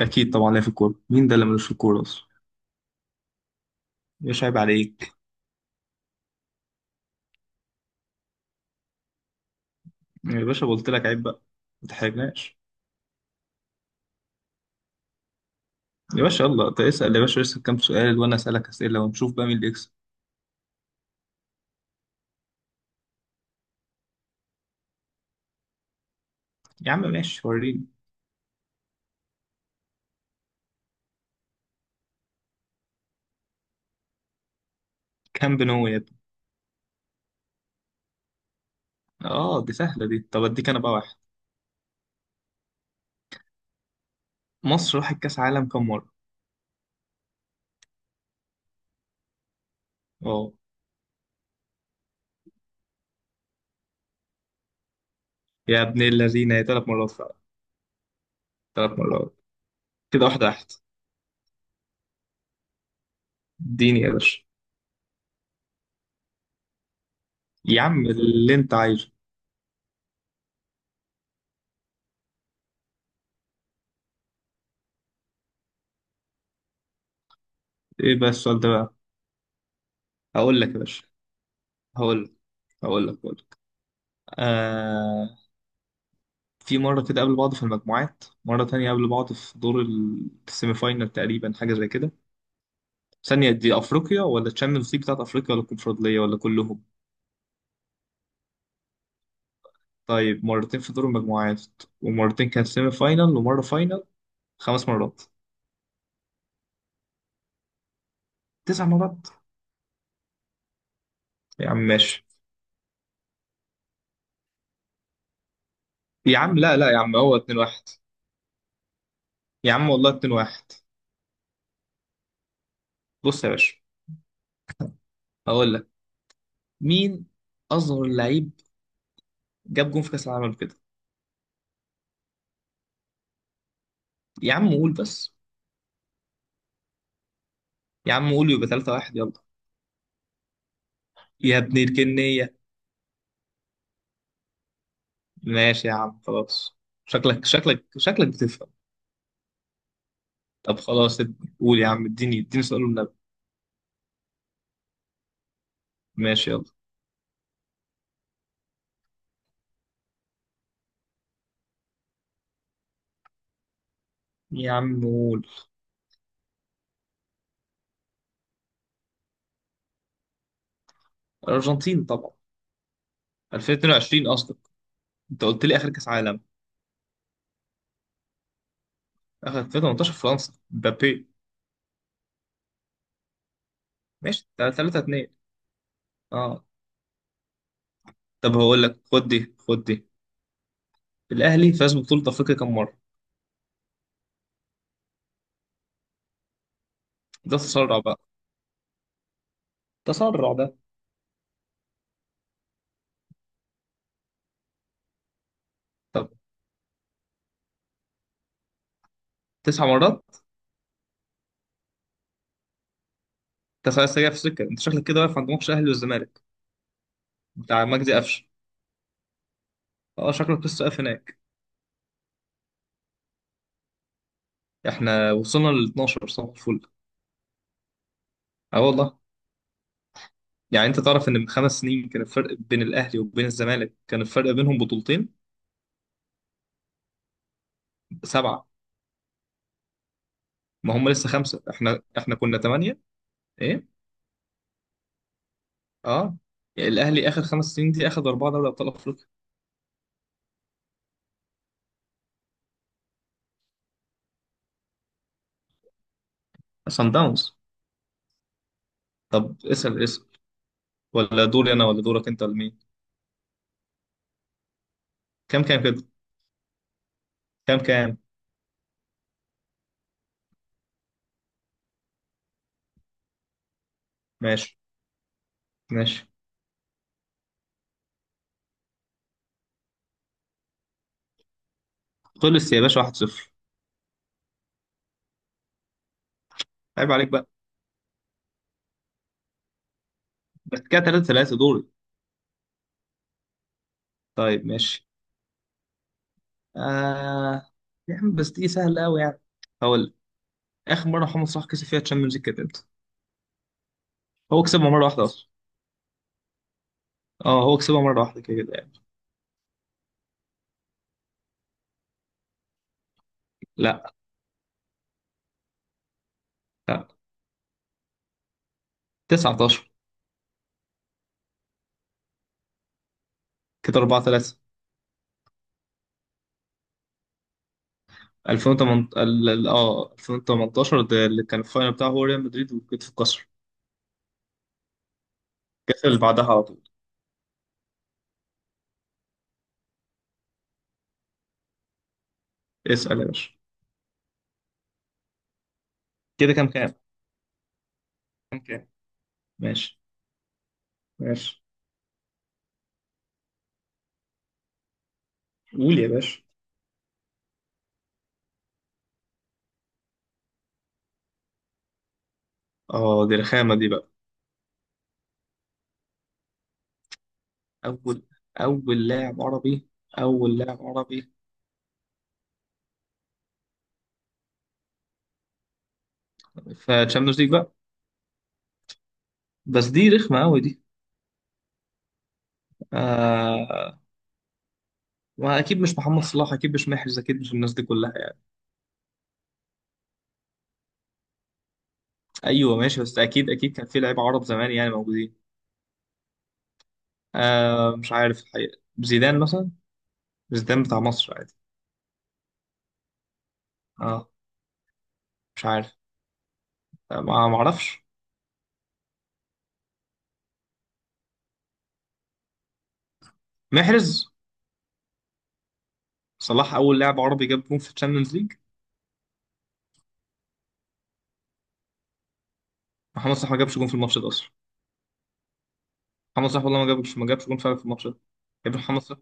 اكيد طبعا ليا في الكوره. مين ده اللي ملوش في الكوره اصلا؟ يا باشا عيب عليك. يا باشا قلت لك عيب بقى، ما تحرجناش. يا باشا يلا، انت اسال يا باشا، اسال كام سؤال وانا اسالك اسئله ونشوف بقى مين اللي يكسب. يا عم ماشي، وريني. كام بنو يا ابني. اه دي سهله دي، طب اديك انا بقى واحد. مصر راحت كاس عالم كام مره؟ اه يا ابن الذين، هي ثلاث مرات فعلا، ثلاث مرات، كده واحده واحده. اديني يا باشا يا عم اللي انت عايزه. ايه بقى السؤال ده بقى؟ هقول لك يا باشا. هقول لك هقول لك. آه، في مرة كده قابلوا بعض في المجموعات، مرة تانية قابلوا بعض في دور السيمي فاينال تقريبا، حاجة زي كده. ثانية، دي أفريقيا ولا تشامبيونز ليج بتاعت أفريقيا ولا الكونفدرالية ولا كلهم؟ طيب، مرتين في دور المجموعات، ومرتين كان سيمي فاينال، ومرة فاينال، خمس مرات. تسع مرات؟ يا عم ماشي يا عم، لا لا يا عم هو 2-1. يا عم والله 2-1. بص يا باشا، هقول لك. مين أصغر لعيب جاب جون في كأس العالم كده؟ يا عم قول بس. يا عم قول، يبقى 3-1. يلا يا ابن الجنية. ماشي يا عم خلاص. شكلك بتفهم. طب خلاص، قول يا عم، اديني اديني سؤال النبي. ماشي يلا. يا عم قول. الأرجنتين طبعا. 2022 قصدك؟ انت قلت لي آخر كأس عالم. آخر 2018 فرنسا، مبابي. ماشي 3-2. اه طب هقول لك، خد دي خد دي. الأهلي فاز ببطولة أفريقيا كام مرة؟ ده تسرع بقى، تسرع ده. طب تسع مرات؟ انت خلاص جاي في سكة، انت شكلك كده واقف عند ماتش الأهلي والزمالك بتاع مجدي قفشه. اه شكلك لسه واقف هناك. احنا وصلنا ل 12 صباح الفل. اه والله. يعني انت تعرف ان من خمس سنين كان الفرق بين الاهلي وبين الزمالك، كان الفرق بينهم بطولتين؟ سبعه. ما هم لسه خمسه، احنا كنا ثمانيه. ايه؟ اه. الاهلي اخر خمس سنين دي اخد اربعه دوري ابطال افريقيا. صن داونز. طب اسال اسال، ولا دوري انا ولا دورك انت ولا مين؟ كام كام كده؟ كام كام؟ ماشي ماشي. خلص يا باشا 1-0. عيب عليك بقى. بس كده 3-3 دوري. طيب ماشي. آه يا عم بس دي سهله قوي يعني. هقول: اخر مره محمد صلاح كسب فيها تشامبيونز ليج كانت امتى؟ هو كسبها مره واحده اصلا. اه هو كسبها مره واحده كده كده يعني. لا لا 19. كده 4-3. 2018 اه، 2018 ده اللي كان الفاينل بتاعه هو ريال مدريد وكتف القصر. الكاس اللي بعدها على طول. اسال يا باشا. كده كام كام؟ كام كام؟ ماشي ماشي. قول يا باشا. اه دي رخامه دي بقى. اول اول لاعب عربي اول لاعب عربي في تشامبيونز ليج بقى. بس دي رخمه قوي دي. آه، ما اكيد مش محمد صلاح، اكيد مش محرز، اكيد مش الناس دي كلها يعني. ايوه ماشي، بس اكيد اكيد كان في لعيبه عرب زمان يعني موجودين. آه مش عارف الحقيقه، زيدان مثلا. زيدان بتاع مصر عادي. اه مش عارف. آه، ما اعرفش. محرز. صلاح اول لاعب عربي جاب جون في الشامبيونز ليج. محمد صلاح ما جابش جون في الماتش ده اصلا. محمد صلاح والله ما جابش ما جابش جون فعلا في الماتش ده. يا ابني محمد صلاح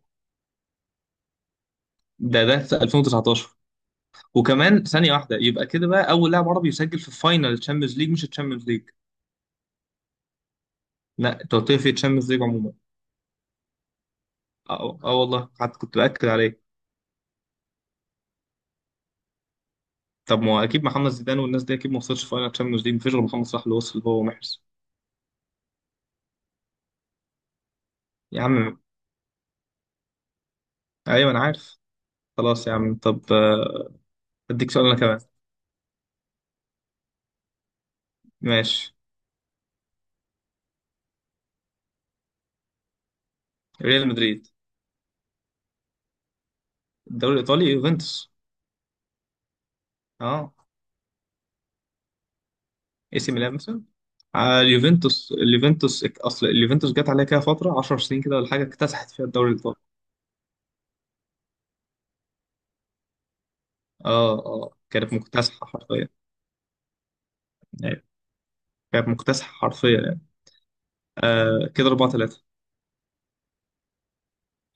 ده في 2019. وكمان ثانيه واحده، يبقى كده بقى اول لاعب عربي يسجل في فاينل الشامبيونز ليج، مش الشامبيونز ليج. لا، انت قلت لي في الشامبيونز ليج عموما. اه. آه والله، حتى كنت باكد عليه. طب ما هو اكيد محمد زيدان والناس دي اكيد ما وصلش فاينل تشامبيونز ليج، مفيش غير محمد صلاح اللي وصل هو ومحرز. يا عم، ايوه انا عارف. خلاص يا عم. طب، اديك سؤال انا كمان. ماشي. ريال مدريد. الدوري الايطالي يوفنتوس. اه اي سي ميلان مثلا. اليوفنتوس اصل اليوفنتوس جت عليها كده فتره 10 سنين كده ولا حاجه، اكتسحت فيها الدوري الايطالي. اه اه كانت مكتسحه حرفيا. أيوة. كانت مكتسحه حرفيا يعني. آه كده 4-3.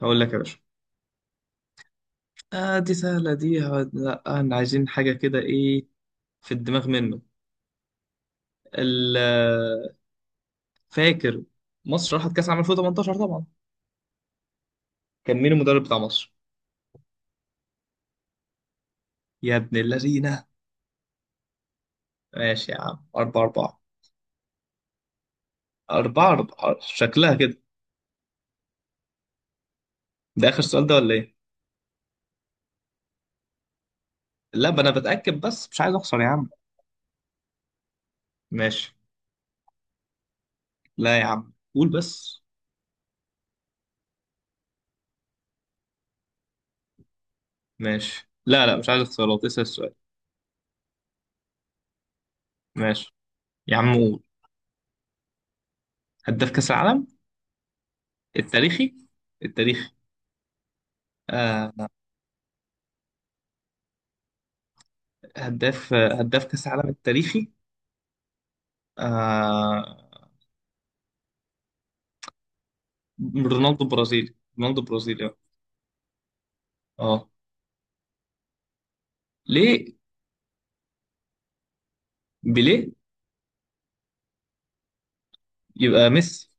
هقول لك يا باشا. آه دي سهلة دي، لا احنا عايزين حاجة كده. ايه في الدماغ منه. ال- فاكر مصر راحت كأس عام 2018 طبعا؟ كان مين المدرب بتاع مصر؟ يا ابن اللذينة. ماشي يا عم، أربعة أربعة. أربعة أربعة شكلها كده. ده آخر سؤال ده ولا إيه؟ لا بقى، أنا بتأكد بس، مش عايز أخسر يا عم. ماشي. لا يا عم قول بس. ماشي. لا لا مش عايز اختيارات، اسأل السؤال. ماشي يا عم قول. هداف كأس العالم التاريخي التاريخي. آه. هداف كأس العالم التاريخي. آه رونالدو برازيلي، رونالدو برازيلي. اه اه. ليه؟ بيليه. يبقى ميسي.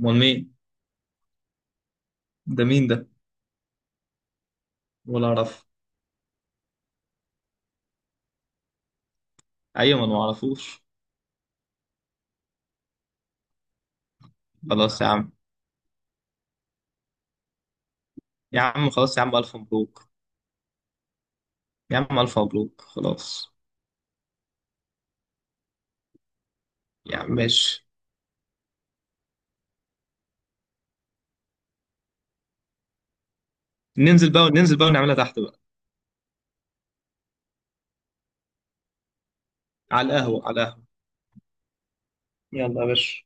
امال مين؟ ده مين ده؟ ولا اعرف. ايوه ما أنا ما اعرفوش. خلاص يا عم. يا عم خلاص يا عم، الف مبروك. يا عم الف مبروك خلاص. يا عم ماشي. ننزل بقى ننزل بقى، ونعملها تحت بقى. على القهوة على القهوة. يلا يا باشا.